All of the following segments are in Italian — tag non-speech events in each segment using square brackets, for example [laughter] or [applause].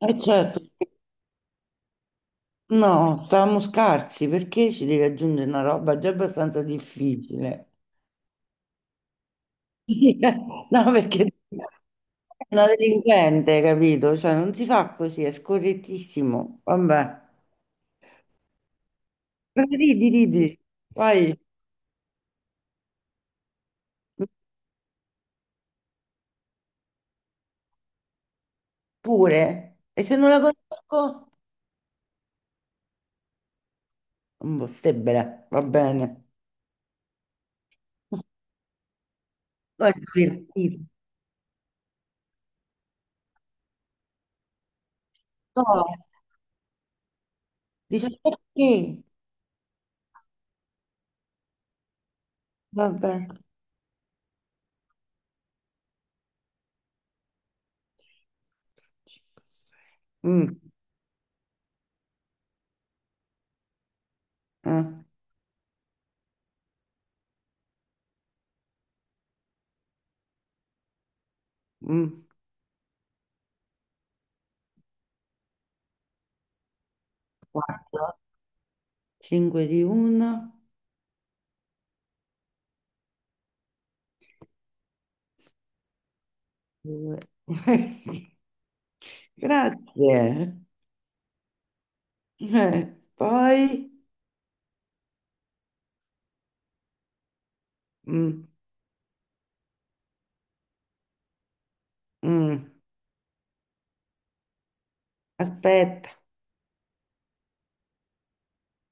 Eh certo, no, stavamo scarsi perché ci devi aggiungere una roba già abbastanza difficile. Sì, [laughs] no, perché è una delinquente, capito? Cioè, non si fa così, è scorrettissimo. Vabbè, però ridi, ridi. Poi pure. E se non la conosco, un possibile, va bene. [laughs] Poi è divertito. No, dice perché? Vabbè. Mm, eh, mm. Guarda, 5 di una, due. [laughs] Grazie. Poi, mm, mm, aspetta,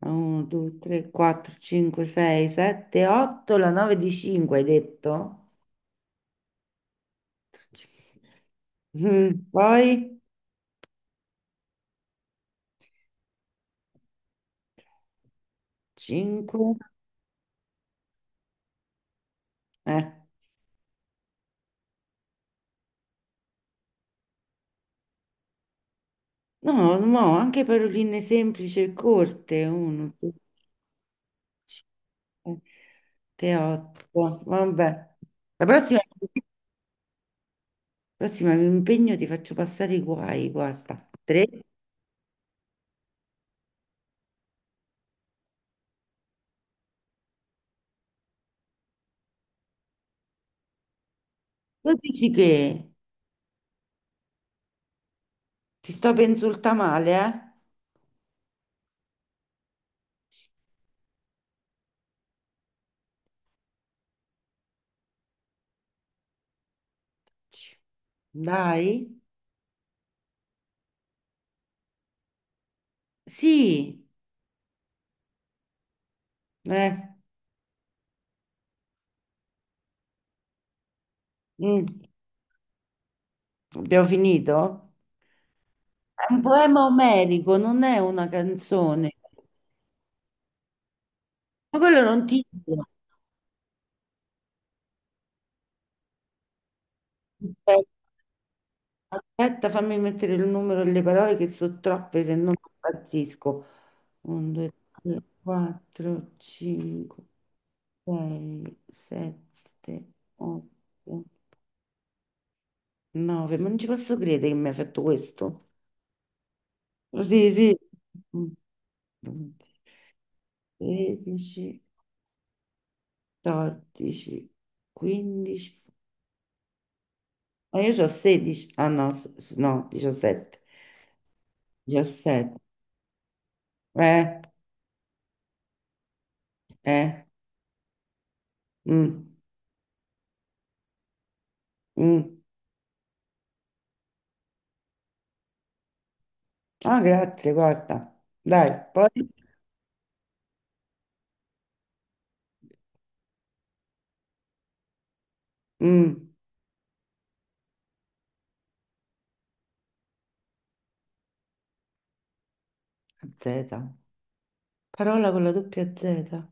1, 2, 3, 4, 5, 6, 7, 8, la 9 di 5 hai detto? Mm, poi 5, eh. No, no, anche paroline semplici e corte, 1, 2, 3, 8, vabbè. La Prossima mi impegno, ti faccio passare i guai, guarda. Tre. Tu dici che ti sto per insultare male, eh? Ci- Dai. Sì. Eh. Mm. Abbiamo finito? È un poema omerico, non è una canzone. Ma quello non ti dico. Aspetta, fammi mettere il numero e le parole che sono troppe, se no impazzisco. 1, 2, 3, 4, 5. 6, 7, 8, 9, ma non ci posso credere che mi hai fatto questo. Oh, sì, sì. Mm. 13, 14, 15. Ma io ho 16. Ah no, no, 17. 17. Eh, eh. mm, mm. Ah, grazie, guarda. Dai, poi. Mm. Z. Parola con la doppia Z.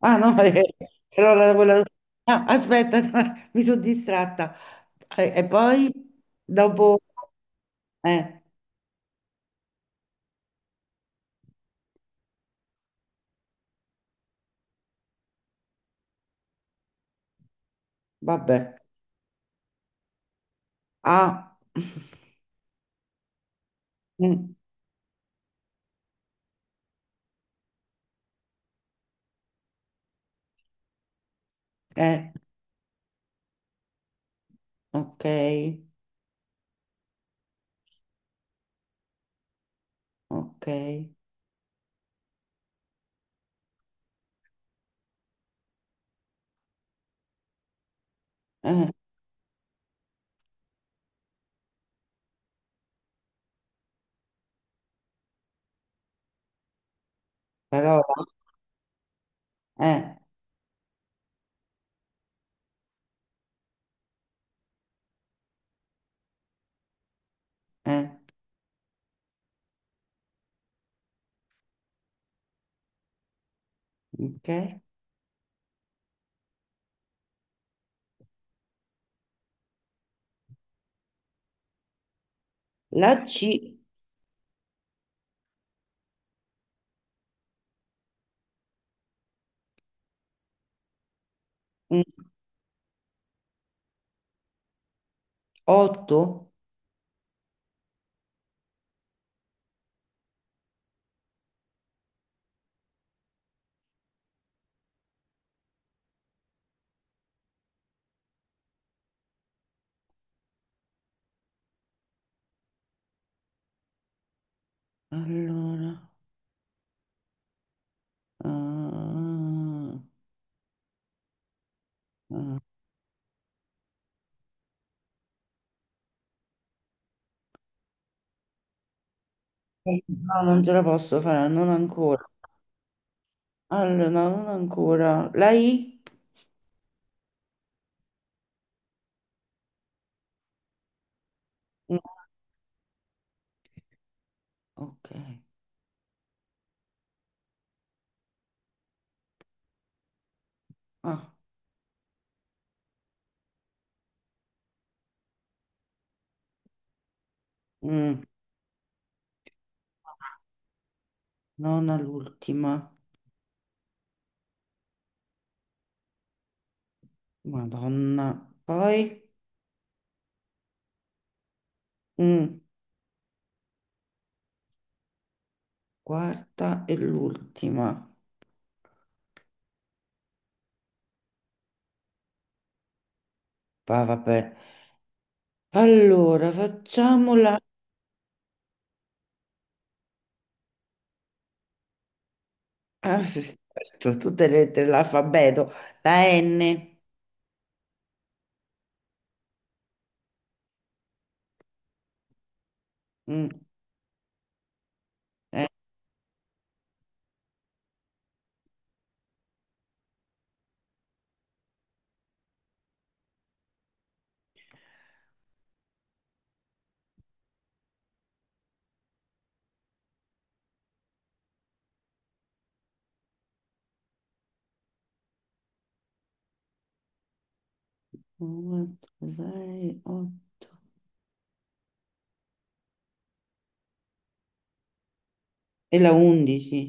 Ah no, [laughs] però la, quella- ah, aspetta, [laughs] no, mi sono distratta. E, poi dopo... Eh, vabbè. Ah, [laughs] mm, eh, ok, ok. Parola, eh, eh, ok. La C, 8. Allora... ah, ah. No, non ce la posso fare, non ancora. Allora, no, non ancora. La I? No, ok. Ah. Mm. Nona l'ultima. Madonna. Poi, mm, quarta e l'ultima. Va, vabbè. Allora, facciamola. Ah, [laughs] sì, sì, aspetta, tutte le lettere dell'alfabeto. La N. Mm, eh, uno, due, sei, otto. E la 11.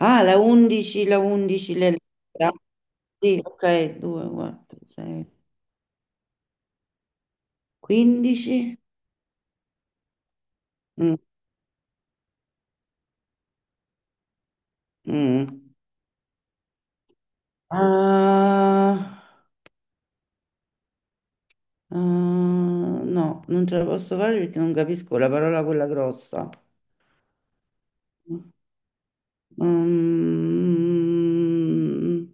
Ah, la 11, le lettere. Sì, ok, 2, 4, 6, 15. Mm, mm. Ah. Ah, no, non ce la posso fare perché non capisco la parola quella grossa. Mm,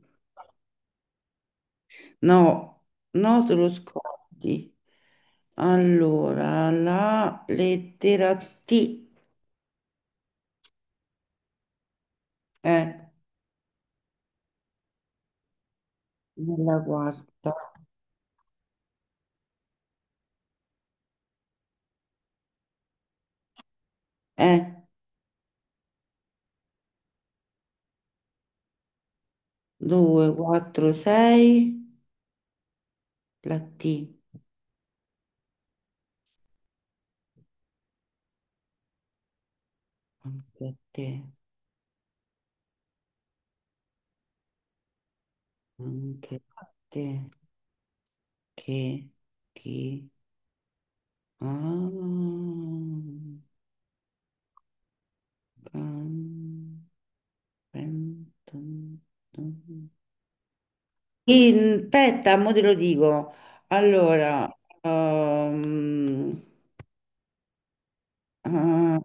no, no, te lo scordi. Allora, la lettera T è nella quarta. È 2, 4, 6, la T. Anche a te, anche a te, che, chi, ah, can- Pen- ton- ton. Aspetta, mo te lo dico. Allora, ehm, eh,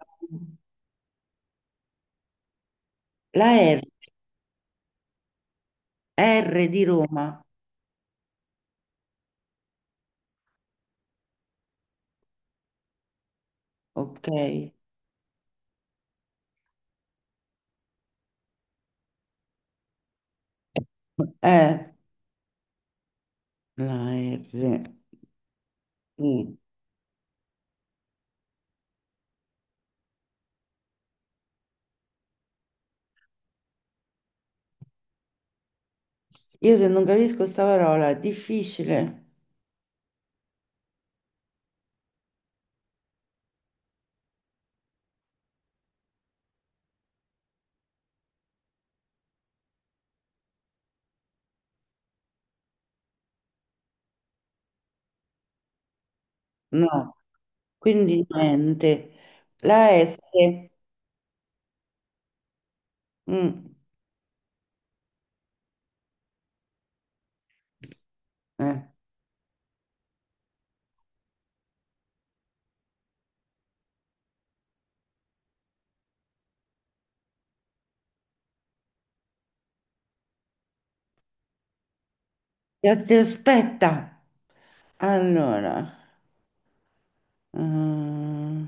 la R, R di Roma, ok. Eh, la R. Mm. Io se non capisco sta parola, è difficile. No, quindi niente. La S. Mm. Eh. Aspetta. Allora. mm.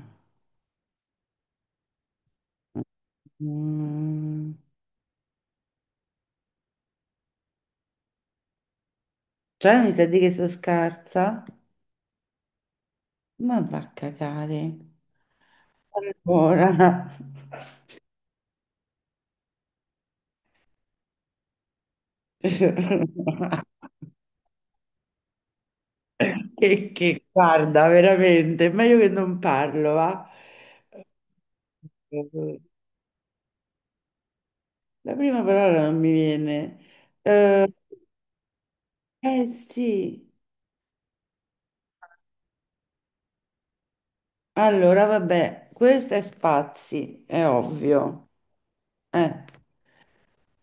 Mm, Cioè, mi sa di che sono scarsa? Ma va a cagare. Ancora. [laughs] Guarda, veramente, è meglio che non parlo, va? La prima parola non mi viene. Eh, eh sì, allora vabbè, questa è spazi, è ovvio. Eh,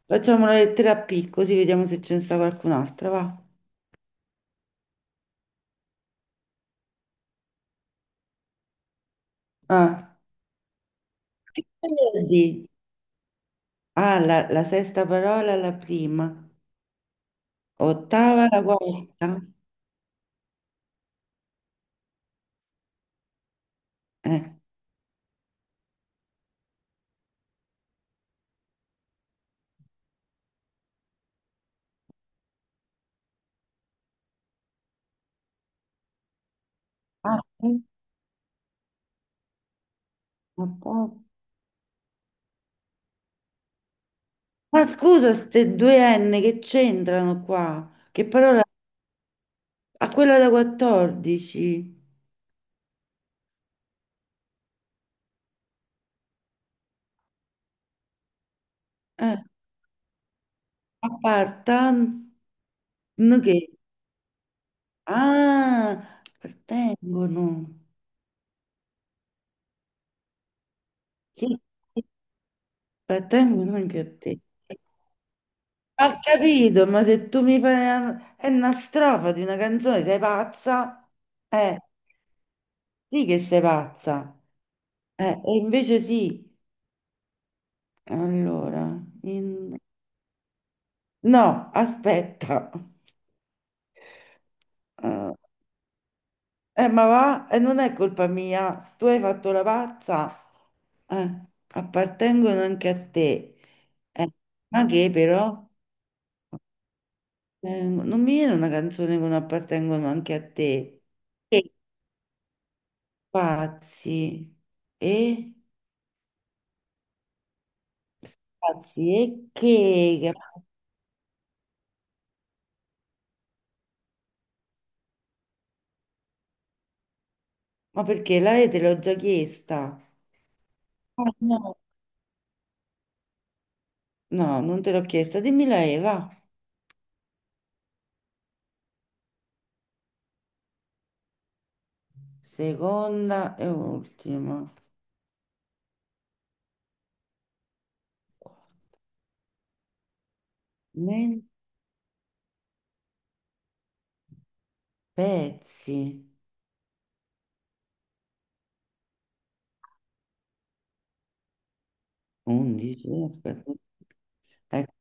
facciamo una lettera P così vediamo se ce ne sta qualcun'altra, va? Ah, che vuol dire? Ah, la sesta parola, la prima. Ottava, la quarta. Eh. Ah, sì. Ottava. Ma scusa, ste due N che c'entrano qua? Che parola? A quella da 14. Eh. Appartan... Che? Ah, appartengono. Sì, sì, appartengono anche a te. Ho capito, ma se tu mi fai una, è una strofa di una canzone, sei pazza? Eh. Sì che sei pazza. E invece sì. Allora, in- no, aspetta. Eh, ma va, non è colpa mia. Tu hai fatto la pazza. Appartengono anche a te. Eh, ma che però? Non mi viene una canzone che non appartengono anche a te. Che pazzi. E pazzi e che? Ma perché la E te l'ho già chiesta? Ah, no. No, non te l'ho chiesta. Dimmela Eva. Seconda e ultima. Men- Pezzi. 11. Aspetta. Ecco.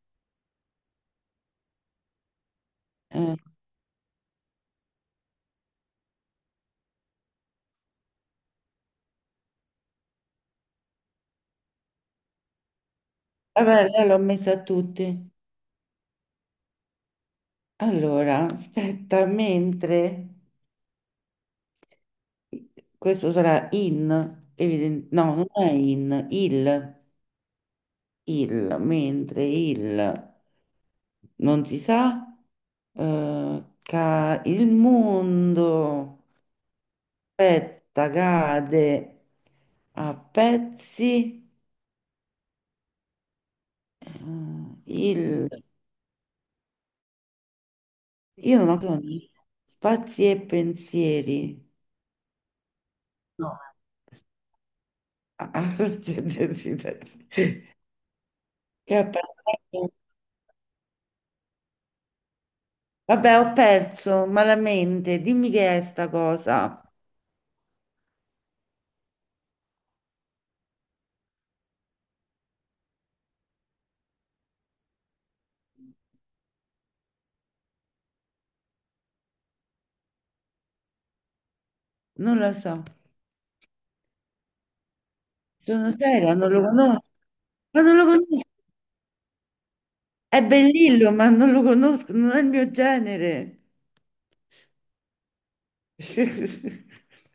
Eh, vabbè, lei l'ho messa a tutti. Allora, aspetta, mentre questo sarà in, evidente, no, non è mentre il non si sa, il mondo. Aspetta, cade a pezzi il... Io non ho bisogno. Spazi e pensieri. No. Ah, [laughs] sì, desideri. Che ho perso. Vabbè, ho perso malamente. Dimmi che è sta cosa. Non lo so. Sono seria, non lo conosco. Ma non lo conosco. È bellillo, ma non lo conosco. Non è il mio genere. [laughs]